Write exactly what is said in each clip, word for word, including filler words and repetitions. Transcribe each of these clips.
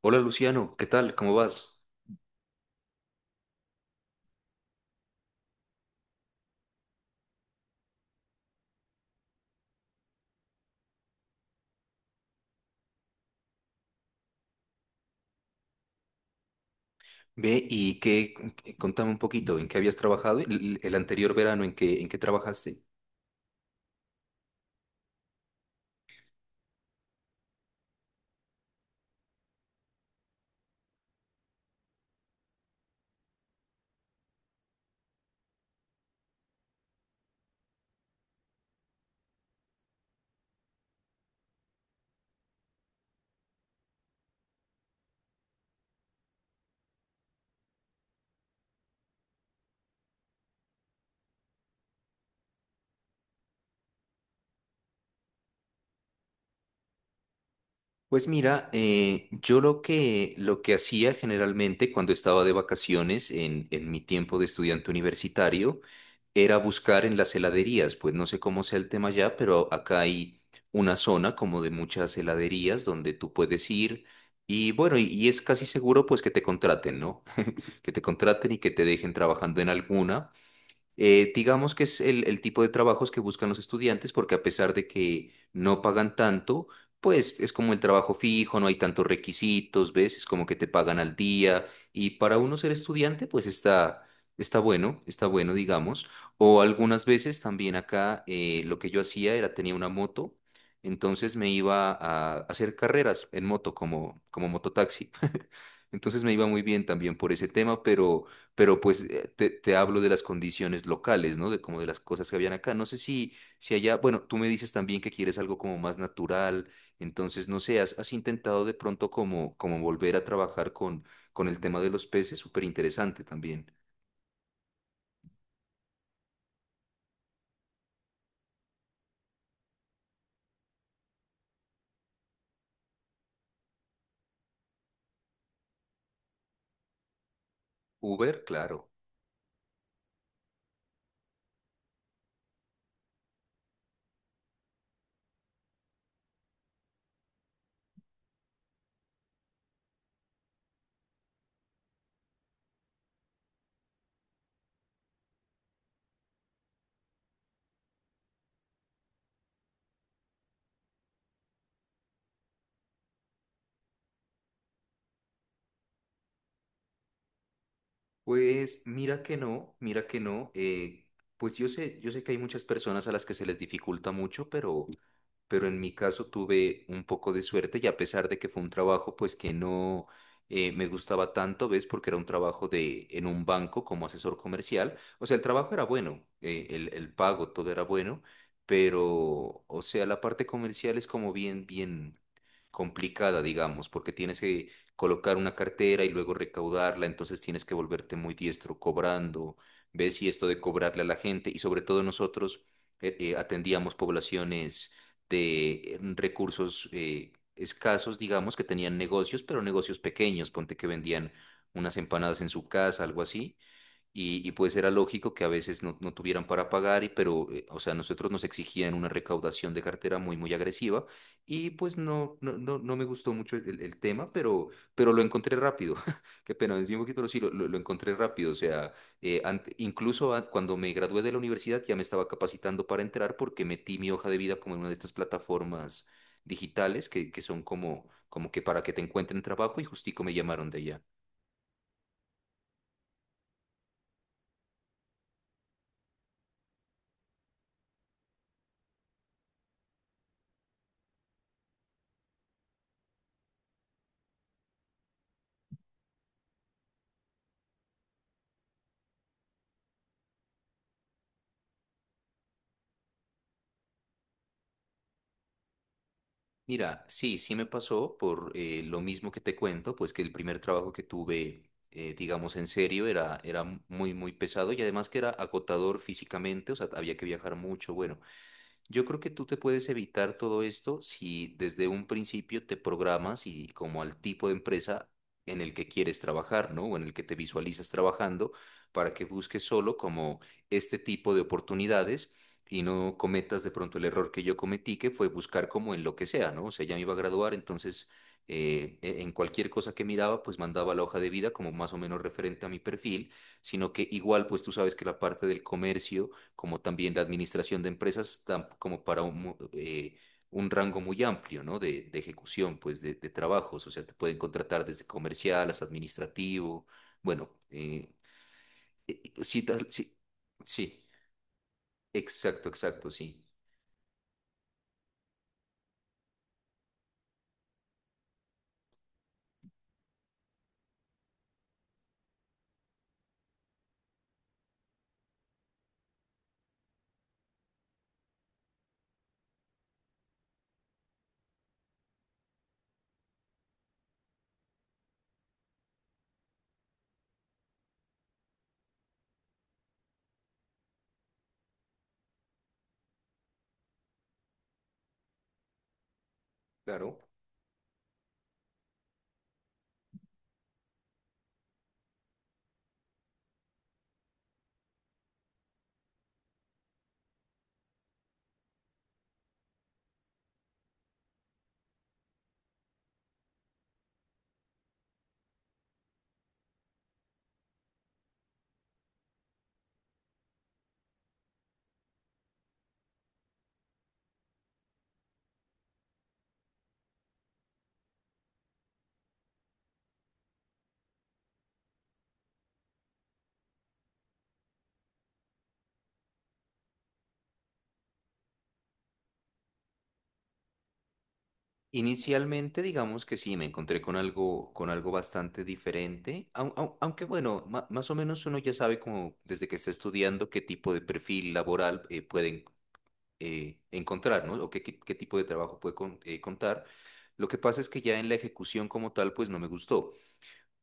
Hola Luciano, ¿qué tal? ¿Cómo vas? Ve y qué, contame un poquito, ¿en qué habías trabajado el, el anterior verano? ¿En qué, en qué trabajaste? Pues mira, eh, yo lo que, lo que hacía generalmente cuando estaba de vacaciones en, en mi tiempo de estudiante universitario era buscar en las heladerías, pues no sé cómo sea el tema ya, pero acá hay una zona como de muchas heladerías donde tú puedes ir y bueno, y, y es casi seguro pues que te contraten, ¿no? Que te contraten y que te dejen trabajando en alguna. Eh, digamos que es el, el tipo de trabajos que buscan los estudiantes porque a pesar de que no pagan tanto, pues es como el trabajo fijo, no hay tantos requisitos, ¿ves? Es como que te pagan al día y para uno ser estudiante, pues está, está bueno, está bueno, digamos. O algunas veces también acá eh, lo que yo hacía era tenía una moto, entonces me iba a hacer carreras en moto como, como mototaxi. Entonces me iba muy bien también por ese tema, pero, pero pues eh, te, te hablo de las condiciones locales, ¿no? De como de las cosas que habían acá. No sé si, si allá, bueno, tú me dices también que quieres algo como más natural, entonces no sé, has, has intentado de pronto como, como volver a trabajar con, con el tema de los peces, súper interesante también. Uber, claro. Pues mira que no, mira que no. Eh, pues yo sé, yo sé que hay muchas personas a las que se les dificulta mucho, pero, pero en mi caso tuve un poco de suerte y a pesar de que fue un trabajo, pues que no eh, me gustaba tanto, ¿ves? Porque era un trabajo de en un banco como asesor comercial. O sea, el trabajo era bueno, eh, el, el pago, todo era bueno, pero, o sea, la parte comercial es como bien, bien complicada, digamos, porque tienes que colocar una cartera y luego recaudarla, entonces tienes que volverte muy diestro cobrando, ves y esto de cobrarle a la gente y sobre todo nosotros eh, eh, atendíamos poblaciones de eh, recursos eh, escasos, digamos, que tenían negocios, pero negocios pequeños, ponte que vendían unas empanadas en su casa, algo así y, y pues era lógico que a veces no, no tuvieran para pagar, y, pero, eh, o sea, nosotros nos exigían una recaudación de cartera muy, muy agresiva y pues no, no, no, no me gustó mucho el, el tema, pero, pero lo encontré rápido. Qué pena, es un poquito, pero sí, lo, lo- lo encontré rápido. O sea, eh, ante- incluso a- cuando me gradué de la universidad ya me estaba capacitando para entrar porque metí mi hoja de vida como en una de estas plataformas digitales que, que son como, como que para que te encuentren trabajo y justico me llamaron de allá. Mira, sí, sí me pasó por eh, lo mismo que te cuento, pues que el primer trabajo que tuve, eh, digamos en serio, era, era muy, muy pesado y además que era agotador físicamente, o sea, había que viajar mucho, bueno. Yo creo que tú te puedes evitar todo esto si desde un principio te programas y como al tipo de empresa en el que quieres trabajar, ¿no? O en el que te visualizas trabajando, para que busques solo como este tipo de oportunidades y no cometas de pronto el error que yo cometí, que fue buscar como en lo que sea, ¿no? O sea, ya me iba a graduar, entonces eh, e- en cualquier cosa que miraba, pues mandaba la hoja de vida como más o menos referente a mi perfil, sino que igual, pues tú sabes que la parte del comercio como también la administración de empresas, tam- como para un, mu- eh, un rango muy amplio, ¿no? De, de ejecución, pues, de, de trabajos. O sea, te pueden contratar desde comercial hasta administrativo. Bueno, eh, eh, sí, tal- sí, sí, exacto, exacto, sí. Claro. Inicialmente, digamos que sí, me encontré con algo, con algo bastante diferente, au- au- aunque bueno, ma- más o menos uno ya sabe como desde que está estudiando qué tipo de perfil laboral eh, puede eh, encontrar, ¿no? O qué, qué- qué tipo de trabajo puede con- eh, contar. Lo que pasa es que ya en la ejecución como tal, pues no me gustó.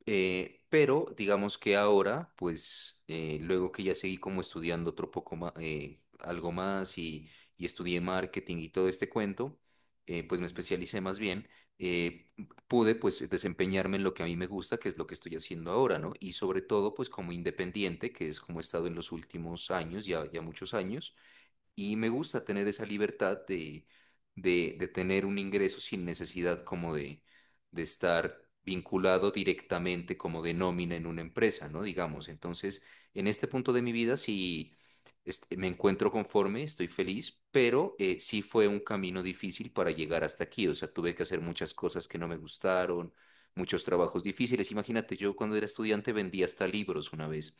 Eh, pero digamos que ahora, pues eh, luego que ya seguí como estudiando otro poco más, algo más y, y estudié marketing y todo este cuento, eh, pues me especialicé más bien, eh, pude pues desempeñarme en lo que a mí me gusta, que es lo que estoy haciendo ahora, ¿no? Y sobre todo pues como independiente, que es como he estado en los últimos años, ya, ya muchos años y me gusta tener esa libertad de, de, de tener un ingreso sin necesidad como de, de estar vinculado directamente como de nómina en una empresa, ¿no? Digamos, entonces, en este punto de mi vida sí este, me encuentro conforme, estoy feliz, pero eh, sí fue un camino difícil para llegar hasta aquí, o sea, tuve que hacer muchas cosas que no me gustaron, muchos trabajos difíciles. Imagínate, yo cuando era estudiante vendía hasta libros una vez.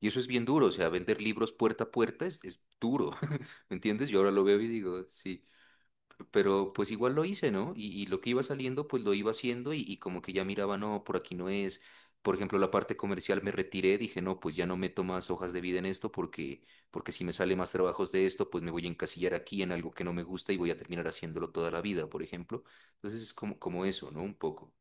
Y eso es bien duro, o sea, vender libros puerta a puerta es, es duro, ¿me entiendes? Yo ahora lo veo y digo, sí, pero pues igual lo hice, ¿no? Y, y lo que iba saliendo, pues lo iba haciendo y, y como que ya miraba, no, por aquí no es. Por ejemplo, la parte comercial me retiré, dije, no, pues ya no meto más hojas de vida en esto porque, porque si me sale más trabajos de esto, pues me voy a encasillar aquí en algo que no me gusta y voy a terminar haciéndolo toda la vida, por ejemplo. Entonces es como, como eso, ¿no? Un poco.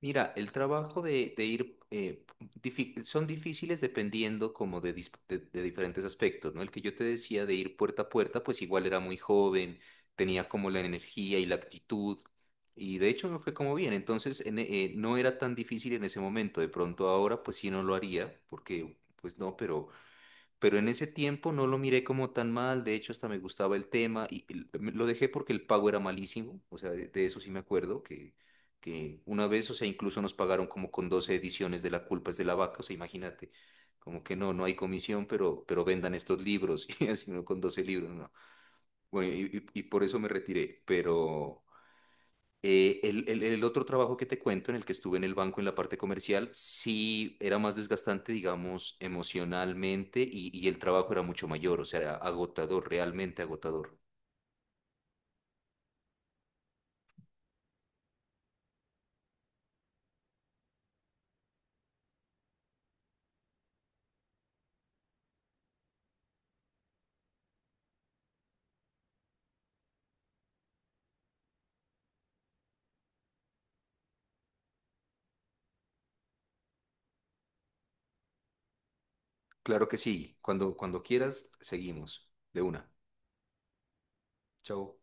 Mira, el trabajo de, de ir eh, difí- son difíciles dependiendo como de, dis- de- de diferentes aspectos, ¿no? El que yo te decía de ir puerta a puerta, pues igual era muy joven, tenía como la energía y la actitud, y de hecho me fue como bien, entonces en e- eh, no era tan difícil en ese momento, de pronto ahora pues sí no lo haría, porque pues no, pero pero en ese tiempo no lo miré como tan mal, de hecho hasta me gustaba el tema y el- me- lo dejé porque el pago era malísimo, o sea, de, de eso sí me acuerdo, que, que una vez, o sea, incluso nos pagaron como con doce ediciones de La culpa es de la vaca, o sea, imagínate, como que no, no hay comisión, pero, pero vendan estos libros, y así no con doce libros, no. Bueno, y, y- y por eso me retiré, pero... Eh, el, el- el otro trabajo que te cuento, en el que estuve en el banco en la parte comercial, sí era más desgastante, digamos, emocionalmente y, y el trabajo era mucho mayor, o sea, era agotador, realmente agotador. Claro que sí, cuando, cuando quieras, seguimos. De una. Chao.